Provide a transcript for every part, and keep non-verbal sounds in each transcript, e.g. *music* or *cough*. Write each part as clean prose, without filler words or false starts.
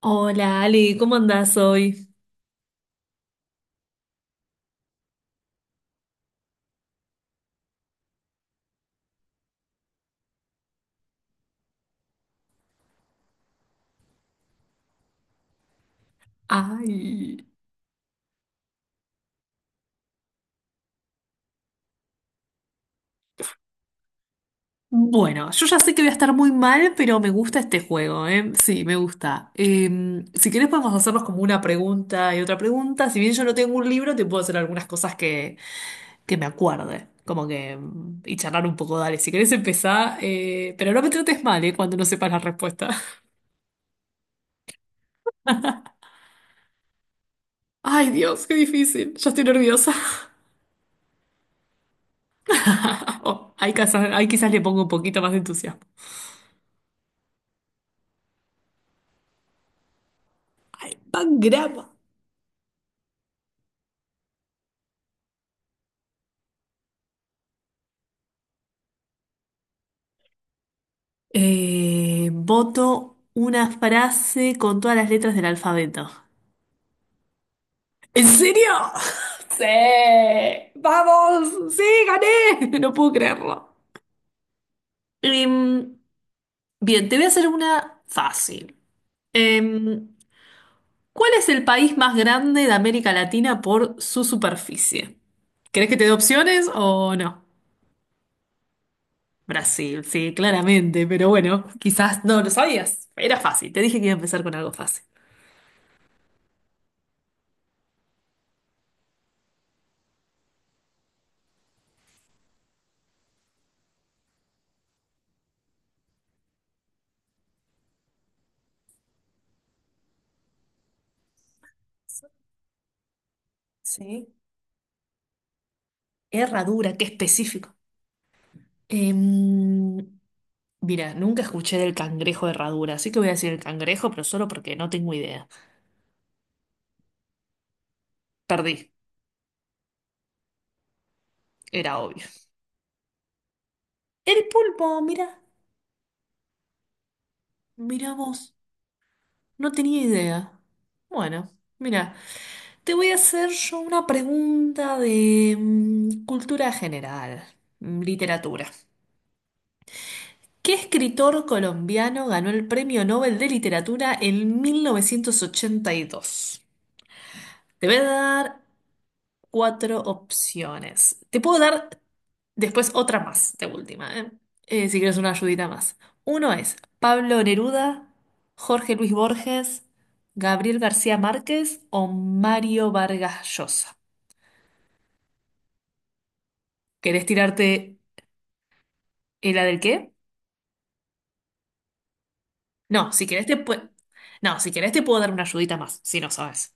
Hola Ale, ¿cómo andás hoy? Ay. Bueno, yo ya sé que voy a estar muy mal, pero me gusta este juego, ¿eh? Sí, me gusta. Si querés podemos hacernos como una pregunta y otra pregunta. Si bien yo no tengo un libro, te puedo hacer algunas cosas que me acuerde. Como que... y charlar un poco, dale. Si querés empezar, ¿eh? Pero no me trates mal, ¿eh? Cuando no sepas la respuesta. *laughs* Ay, Dios, qué difícil. Ya estoy nerviosa. *laughs* Oh, ahí quizás le pongo un poquito más de entusiasmo. Ay, pangrama. Voto una frase con todas las letras del alfabeto. ¿En serio? *laughs* Sí, vamos, sí, gané. *laughs* No puedo creerlo. Em, Bien, te voy a hacer una fácil. Em, ¿Cuál es el país más grande de América Latina por su superficie? ¿Querés que te dé opciones o no? Brasil, sí, claramente, pero bueno, quizás no lo sabías. Era fácil, te dije que iba a empezar con algo fácil. Sí. Herradura, qué específico. Em, Mira, nunca escuché del cangrejo de herradura, así que voy a decir el cangrejo, pero solo porque no tengo idea. Perdí, era obvio. El pulpo, mira, mira vos, no tenía idea. Bueno, mira, te voy a hacer yo una pregunta de cultura general, literatura. ¿Qué escritor colombiano ganó el Premio Nobel de Literatura en 1982? Te voy a dar cuatro opciones. Te puedo dar después otra más, de última, ¿eh? Si quieres una ayudita más. Uno es Pablo Neruda, Jorge Luis Borges, Gabriel García Márquez o Mario Vargas Llosa. ¿Querés tirarte la del qué? No, si querés te pue- No, si querés te puedo dar una ayudita más, si no sabes.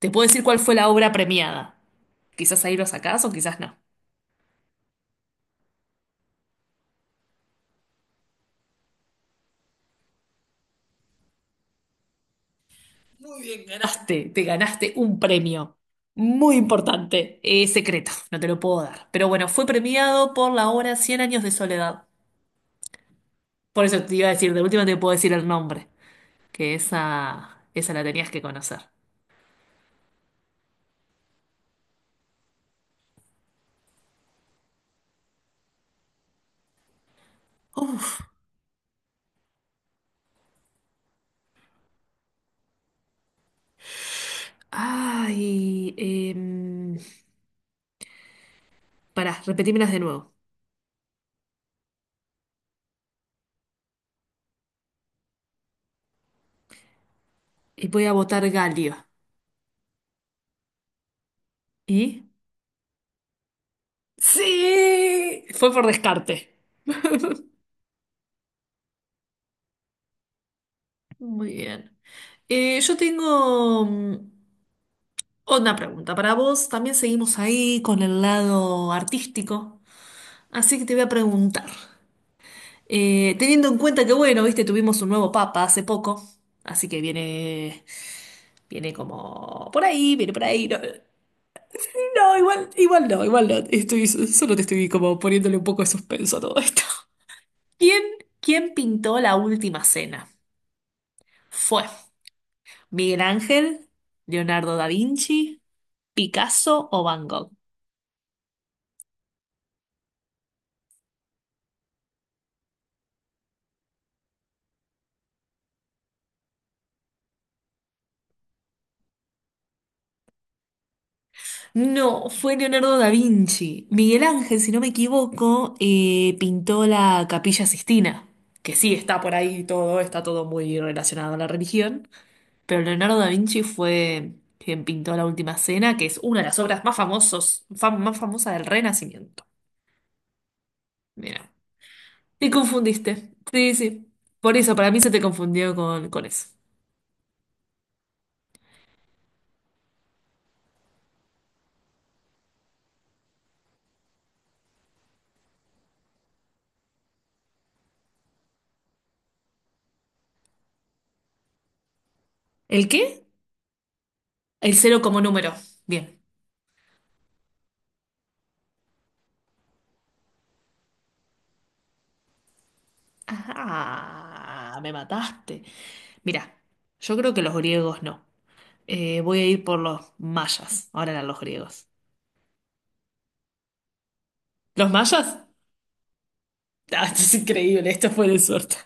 Te puedo decir cuál fue la obra premiada. Quizás ahí lo sacás o quizás no. Muy bien, ganaste, te ganaste un premio muy importante, secreto, no te lo puedo dar. Pero bueno, fue premiado por la obra Cien años de soledad. Por eso te iba a decir, de última te puedo decir el nombre, que esa la tenías que conocer. Uf, ay, pará, repetímelas de nuevo. Y voy a votar Galio. ¿Y? ¡Sí! Fue por descarte. Muy bien. Yo tengo. Una pregunta para vos. También seguimos ahí con el lado artístico. Así que te voy a preguntar. Teniendo en cuenta que, bueno, viste, tuvimos un nuevo papa hace poco. Así que viene, viene como por ahí, viene por ahí. No, no, igual, igual no, igual no. Estoy, solo te estoy como poniéndole un poco de suspenso a todo esto. *laughs* ¿Quién, quién pintó la última cena? ¿Fue Miguel Ángel, Leonardo da Vinci, Picasso o Van Gogh? No, fue Leonardo da Vinci. Miguel Ángel, si no me equivoco, pintó la Capilla Sistina, que sí está por ahí todo, está todo muy relacionado a la religión, pero Leonardo da Vinci fue quien pintó La Última Cena, que es una de las obras más famosos, más famosa del Renacimiento. Mira, te confundiste. Sí, sí. Por eso, para mí se te confundió con eso. ¿El qué? El cero como número. Bien. Ah, me mataste. Mirá, yo creo que los griegos no. Voy a ir por los mayas. Ahora eran los griegos. ¿Los mayas? *laughs* Ah, esto es increíble, esto fue de suerte.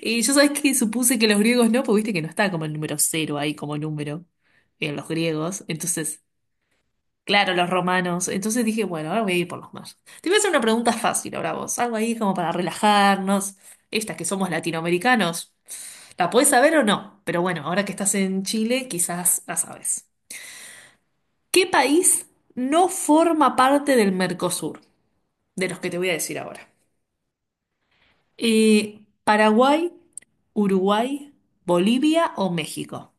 Y yo sabes que supuse que los griegos no, porque viste que no está como el número cero ahí como número en los griegos. Entonces, claro, los romanos. Entonces dije, bueno, ahora voy a ir por los mayas. Te voy a hacer una pregunta fácil ahora vos. Algo ahí como para relajarnos. Estas que somos latinoamericanos. ¿La podés saber o no? Pero bueno, ahora que estás en Chile, quizás la sabes. ¿Qué país no forma parte del Mercosur? De los que te voy a decir ahora. ¿Paraguay, Uruguay, Bolivia o México?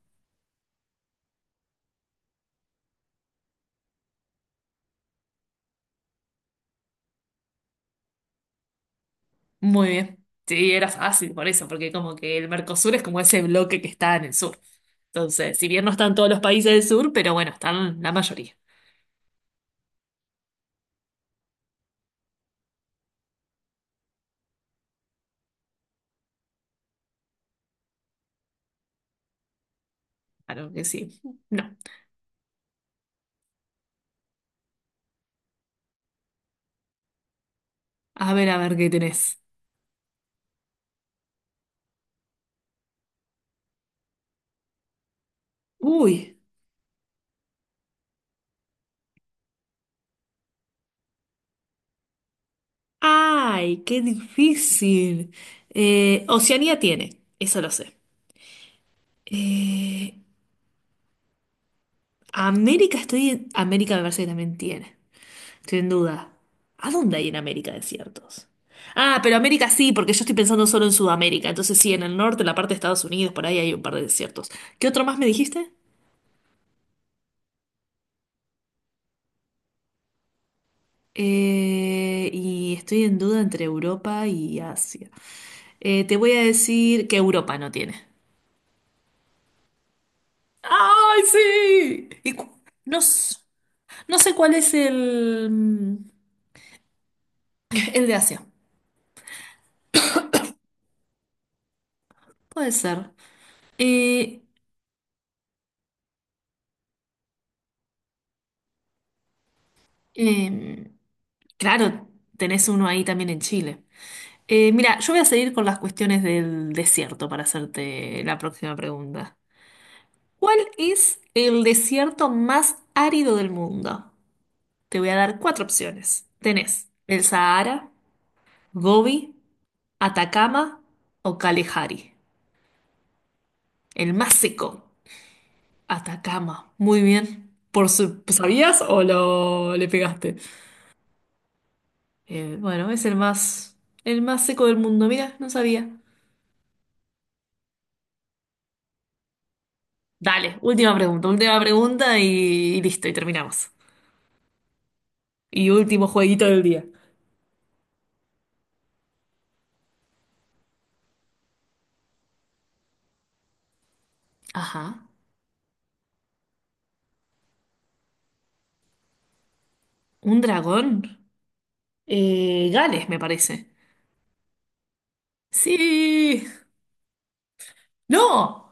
Muy bien. Sí, era fácil por eso, porque como que el Mercosur es como ese bloque que está en el sur. Entonces, si bien no están todos los países del sur, pero bueno, están la mayoría. Claro que sí. No. A ver qué tenés. Uy. Ay, qué difícil. Oceanía tiene, eso lo sé. Eh, América estoy en... América me parece que también tiene. Estoy en duda. ¿A dónde hay en América desiertos? Ah, pero América sí, porque yo estoy pensando solo en Sudamérica. Entonces sí, en el norte, en la parte de Estados Unidos, por ahí hay un par de desiertos. ¿Qué otro más me dijiste? Y estoy en duda entre Europa y Asia. Te voy a decir que Europa no tiene. ¡Ay, sí! No, s- no sé cuál es el de Asia. Puede ser. Eh, em, Claro, tenés uno ahí también en Chile. Mira, yo voy a seguir con las cuestiones del desierto para hacerte la próxima pregunta. ¿Cuál es el desierto más árido del mundo? Te voy a dar cuatro opciones. Tenés el Sahara, Gobi, Atacama o Kalahari. El más seco, Atacama. Muy bien. ¿Sabías o lo le pegaste? Bueno, es el más seco del mundo. Mira, no sabía. Dale, última pregunta y listo, y terminamos. Y último jueguito del día. Ajá. ¿Un dragón? Gales, me parece. Sí. ¡No!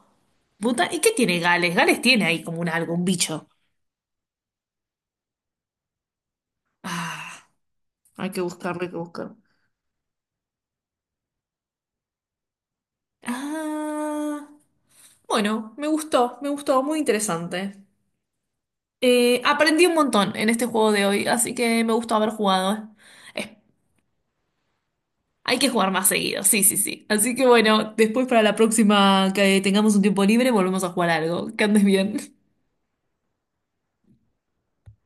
Puta, ¿y qué tiene Gales? Gales tiene ahí como un algo, un bicho. Ah, hay que buscarlo, hay que buscarlo. Ah, bueno, me gustó, muy interesante. Aprendí un montón en este juego de hoy, así que me gustó haber jugado. Hay que jugar más seguido, sí, sí, sí. Así que bueno, después para la próxima que tengamos un tiempo libre, volvemos a jugar algo. Que andes bien.